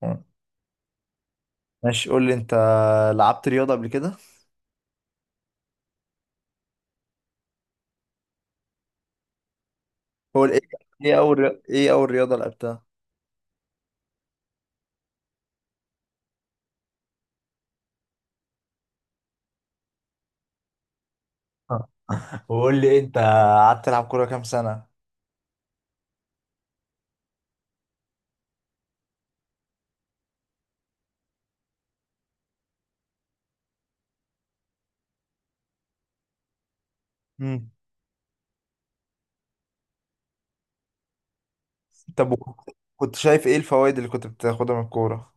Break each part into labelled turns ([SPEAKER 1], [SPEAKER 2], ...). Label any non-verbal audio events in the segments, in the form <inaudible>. [SPEAKER 1] تمام. ماشي، قول لي انت، لعبت رياضة قبل كده؟ هو ايه؟ ايه اول رياضة لعبتها؟ آه. وقول لي انت، قعدت تلعب كورة كام سنة؟ مم. طب، وكنت شايف ايه الفوائد اللي كنت بتاخدها من الكورة؟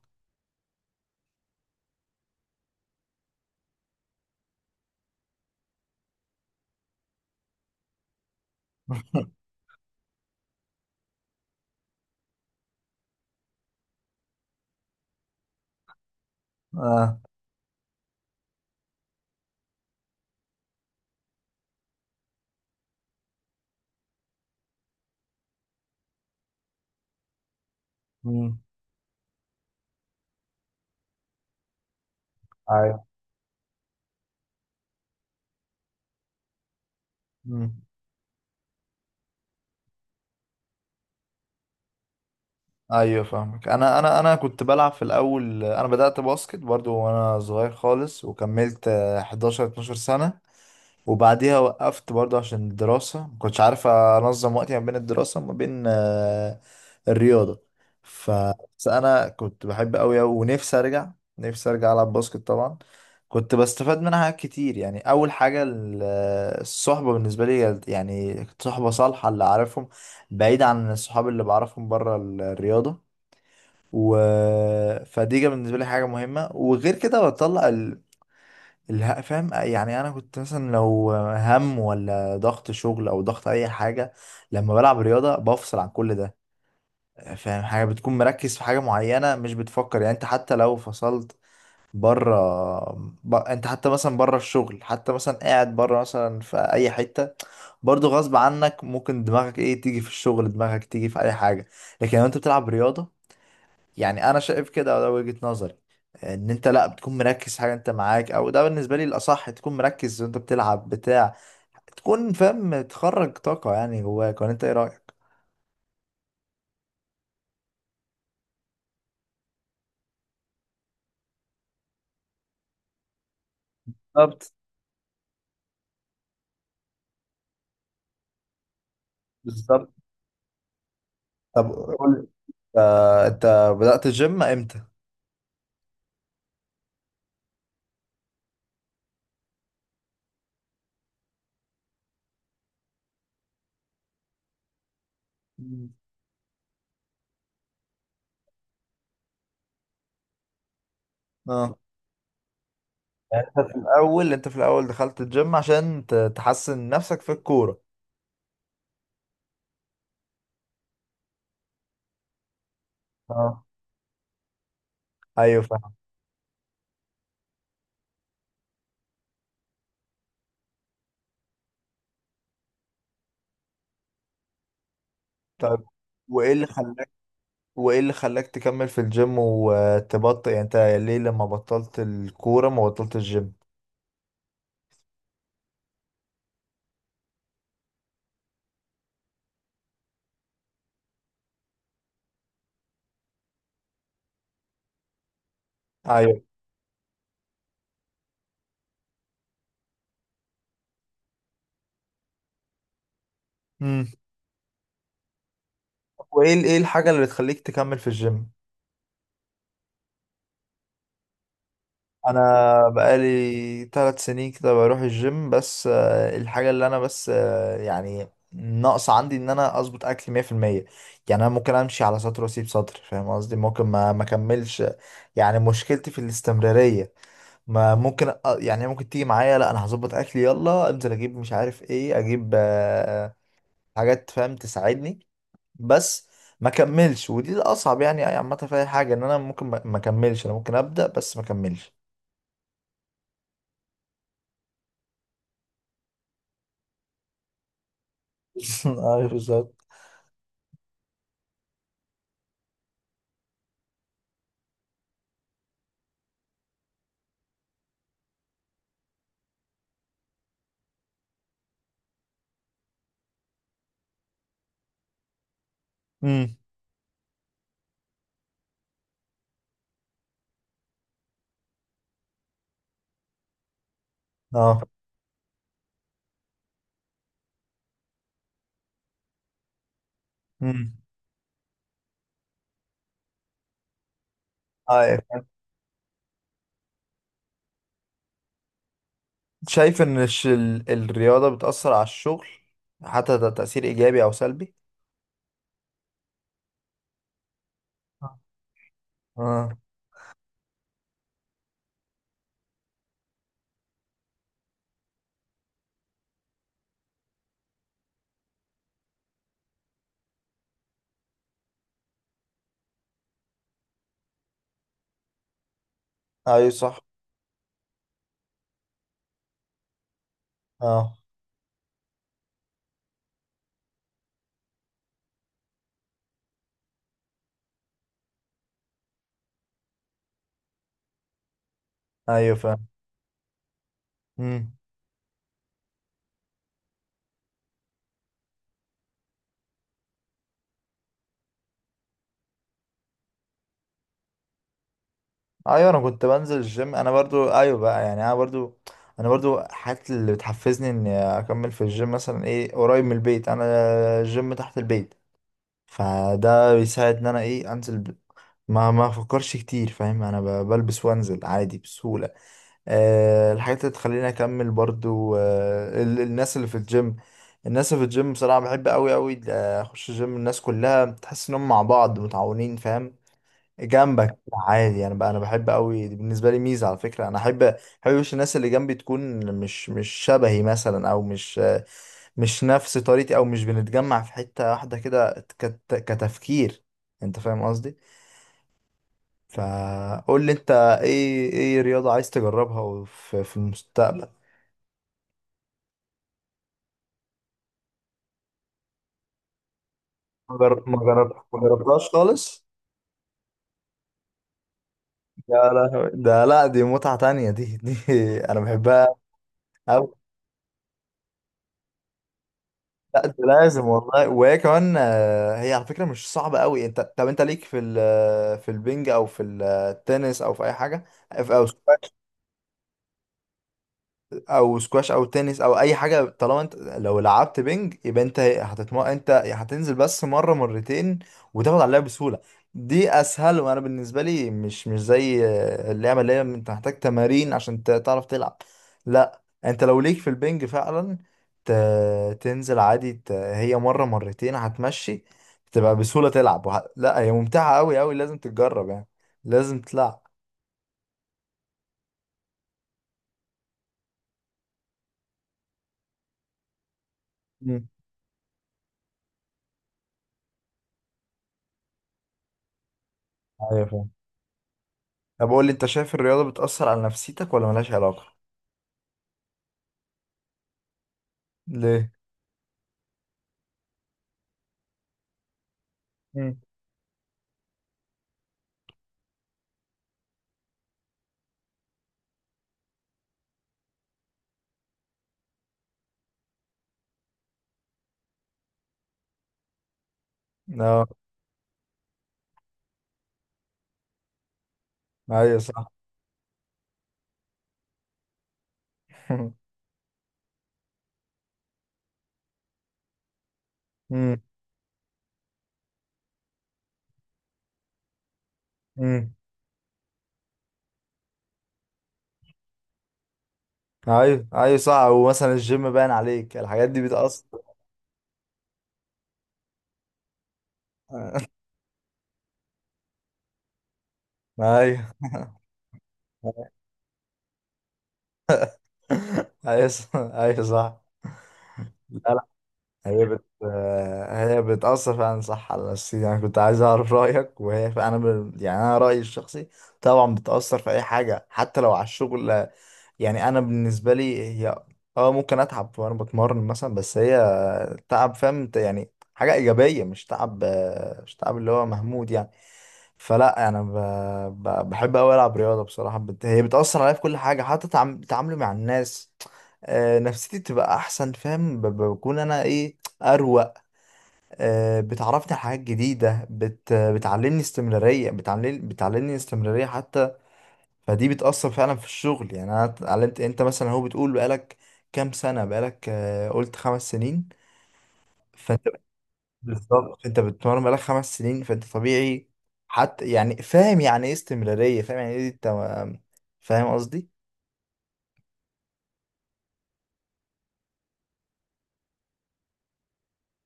[SPEAKER 1] <laughs> اه. مم. ايوه. مم. ايوه فاهمك. انا كنت بلعب في الاول، انا بدأت باسكت برضو وانا صغير خالص، وكملت 11 12 سنة، وبعديها وقفت برضه عشان الدراسة، ما كنتش عارف أنظم وقتي ما بين الدراسة وما بين الرياضة. ف، بس أنا كنت بحب أوي أوي، ونفسي أرجع، نفسي أرجع ألعب باسكت طبعا. كنت بستفاد منها حاجات كتير، يعني أول حاجة الصحبة، بالنسبة لي يعني كانت صحبة صالحة اللي أعرفهم، بعيد عن الصحاب اللي بعرفهم بره الرياضة. و، فدي كانت بالنسبة لي حاجة مهمة، وغير كده بطلع الها، فاهم؟ يعني انا كنت مثلا لو هم، ولا ضغط شغل او ضغط اي حاجه، لما بلعب رياضه بفصل عن كل ده، فاهم؟ حاجه بتكون مركز في حاجه معينه، مش بتفكر، يعني انت حتى لو فصلت بره، انت حتى مثلا بره الشغل، حتى مثلا قاعد بره مثلا في اي حته، برضو غصب عنك ممكن دماغك ايه تيجي في الشغل، دماغك تيجي في اي حاجه. لكن لو انت بتلعب رياضه، يعني انا شايف كده، وده وجهة نظري، ان انت لا بتكون مركز في حاجه انت معاك، او ده بالنسبه لي الاصح، تكون مركز وانت بتلعب بتاع، تكون فاهم تخرج طاقه يعني جواك، ولا انت ايه رايك؟ بالظبط. بالظبط. طب قول لي، انت بدأت الجيم امتى؟ مم. اه. الاول، انت في الاول دخلت الجيم عشان تحسن نفسك في الكوره. اه. ايوه فاهم. طب، وايه اللي خلاك وايه اللي خلاك تكمل في الجيم وتبطل، يعني انت ليه لما بطلت الكوره ما بطلت الجيم؟ ايوه. امم. ايه الحاجه اللي بتخليك تكمل في الجيم؟ انا بقالي ثلاث سنين كده بروح الجيم، بس الحاجه اللي انا بس يعني ناقص عندي ان انا اظبط اكلي 100%. يعني انا ممكن امشي على سطر واسيب سطر، فاهم قصدي؟ ممكن ما اكملش، يعني مشكلتي في الاستمراريه. ما ممكن يعني ممكن تيجي معايا، لا انا هظبط اكلي، يلا انزل اجيب، مش عارف ايه، اجيب حاجات فاهم تساعدني، بس ما كملش، ودي الاصعب يعني عامه في اي حاجه، ان انا ممكن ما اكملش، انا ممكن ابدا بس ما اكملش. <laughs> ايوه بالظبط. امم. اه. امم. ايوه شايف ان الرياضه بتاثر على الشغل، حتى ده تاثير ايجابي او سلبي؟ اه. ايوه صح. اه. ايوه فاهم. امم. ايوه انا كنت بنزل الجيم، انا برضو ايوه، بقى يعني انا برضو، انا برضو حاجات اللي بتحفزني اني اكمل في الجيم، مثلا ايه قريب من البيت، انا الجيم تحت البيت، فده بيساعد ان انا ايه انزل ب...، ما افكرش كتير، فاهم؟ انا ب... بلبس وانزل عادي بسهولة. أه. الحاجات اللي تخليني اكمل برضو أه الناس اللي في الجيم، الناس اللي في الجيم بصراحة بحب قوي قوي اخش الجيم، الناس كلها تحس انهم مع بعض متعاونين، فاهم؟ جنبك عادي، انا بقى انا بحب قوي، دي بالنسبه لي ميزه على فكره، انا احب وش الناس اللي جنبي تكون مش شبهي مثلا، او مش نفس طريقتي، او مش بنتجمع في حته واحده كده، كتفكير، انت فاهم قصدي؟ فقول لي انت، ايه رياضه عايز تجربها في في المستقبل؟ ما جربتهاش خالص؟ يا لهوي ده، لا، دي متعه تانية، دي <laughs> انا بحبها. لا انت لازم والله، وهي كمان هي على فكره مش صعبه قوي، انت، طب انت ليك في في البنج او في التنس او في اي حاجه او؟ او سكواش او تنس او اي حاجه، طالما انت لو لعبت بينج يبقى انت هتتم...، انت هتنزل بس مره مرتين وتاخد عليها بسهوله، دي اسهل، وانا بالنسبه لي مش زي اللعبه اللي هي انت محتاج تمارين عشان تعرف تلعب، لا انت لو ليك في البينج فعلا ت... تنزل عادي، ت... هي مره مرتين هتمشي، تبقى بسهوله تلعب، وه... لا هي ممتعه قوي قوي، لازم تتجرب يعني، لازم تلعب. مم. ايوه. طب قول لي، انت شايف الرياضة بتأثر على نفسيتك ولا ملهاش علاقة؟ ليه؟ مم. اه. ايوه صح. <laughs> مم. مم. ايوه ايوه صح، ومثلا الجيم باين عليك، الحاجات دي بتأثر. ايوه. <laughs> ايوه صح ايوه صح. لا لا، هي بت، هي بتأثر فعلا صح على نفسيتي، انا كنت عايز اعرف رأيك، وهي فعلا انا ب...، يعني انا رأيي الشخصي، طبعا بتأثر في اي حاجة حتى لو على الشغل، يعني انا بالنسبه لي هي اه ممكن اتعب وانا بتمرن مثلا، بس هي تعب، فاهم؟ يعني حاجه ايجابيه، مش تعب، مش تعب اللي هو مهمود يعني، فلا انا بحب قوي العب رياضه بصراحه، بت... هي بتاثر عليا في كل حاجه، حتى تعم... تعاملي مع الناس، نفسيتي بتبقى احسن، فاهم؟ بكون انا ايه اروق، بتعرفني على حاجات جديده، بت...، بتعلمني استمراريه حتى، فدي بتأثر فعلا في الشغل، يعني انا اتعلمت، انت مثلا هو بتقول بقالك كام سنة بقالك، قلت خمس سنين، فانت بالظبط، انت بتتمرن بقالك خمس سنين فانت طبيعي، حتى يعني فاهم يعني ايه استمرارية، فاهم يعني ايه انت، فاهم قصدي؟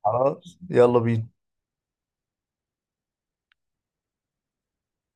[SPEAKER 1] خلاص يلا بينا.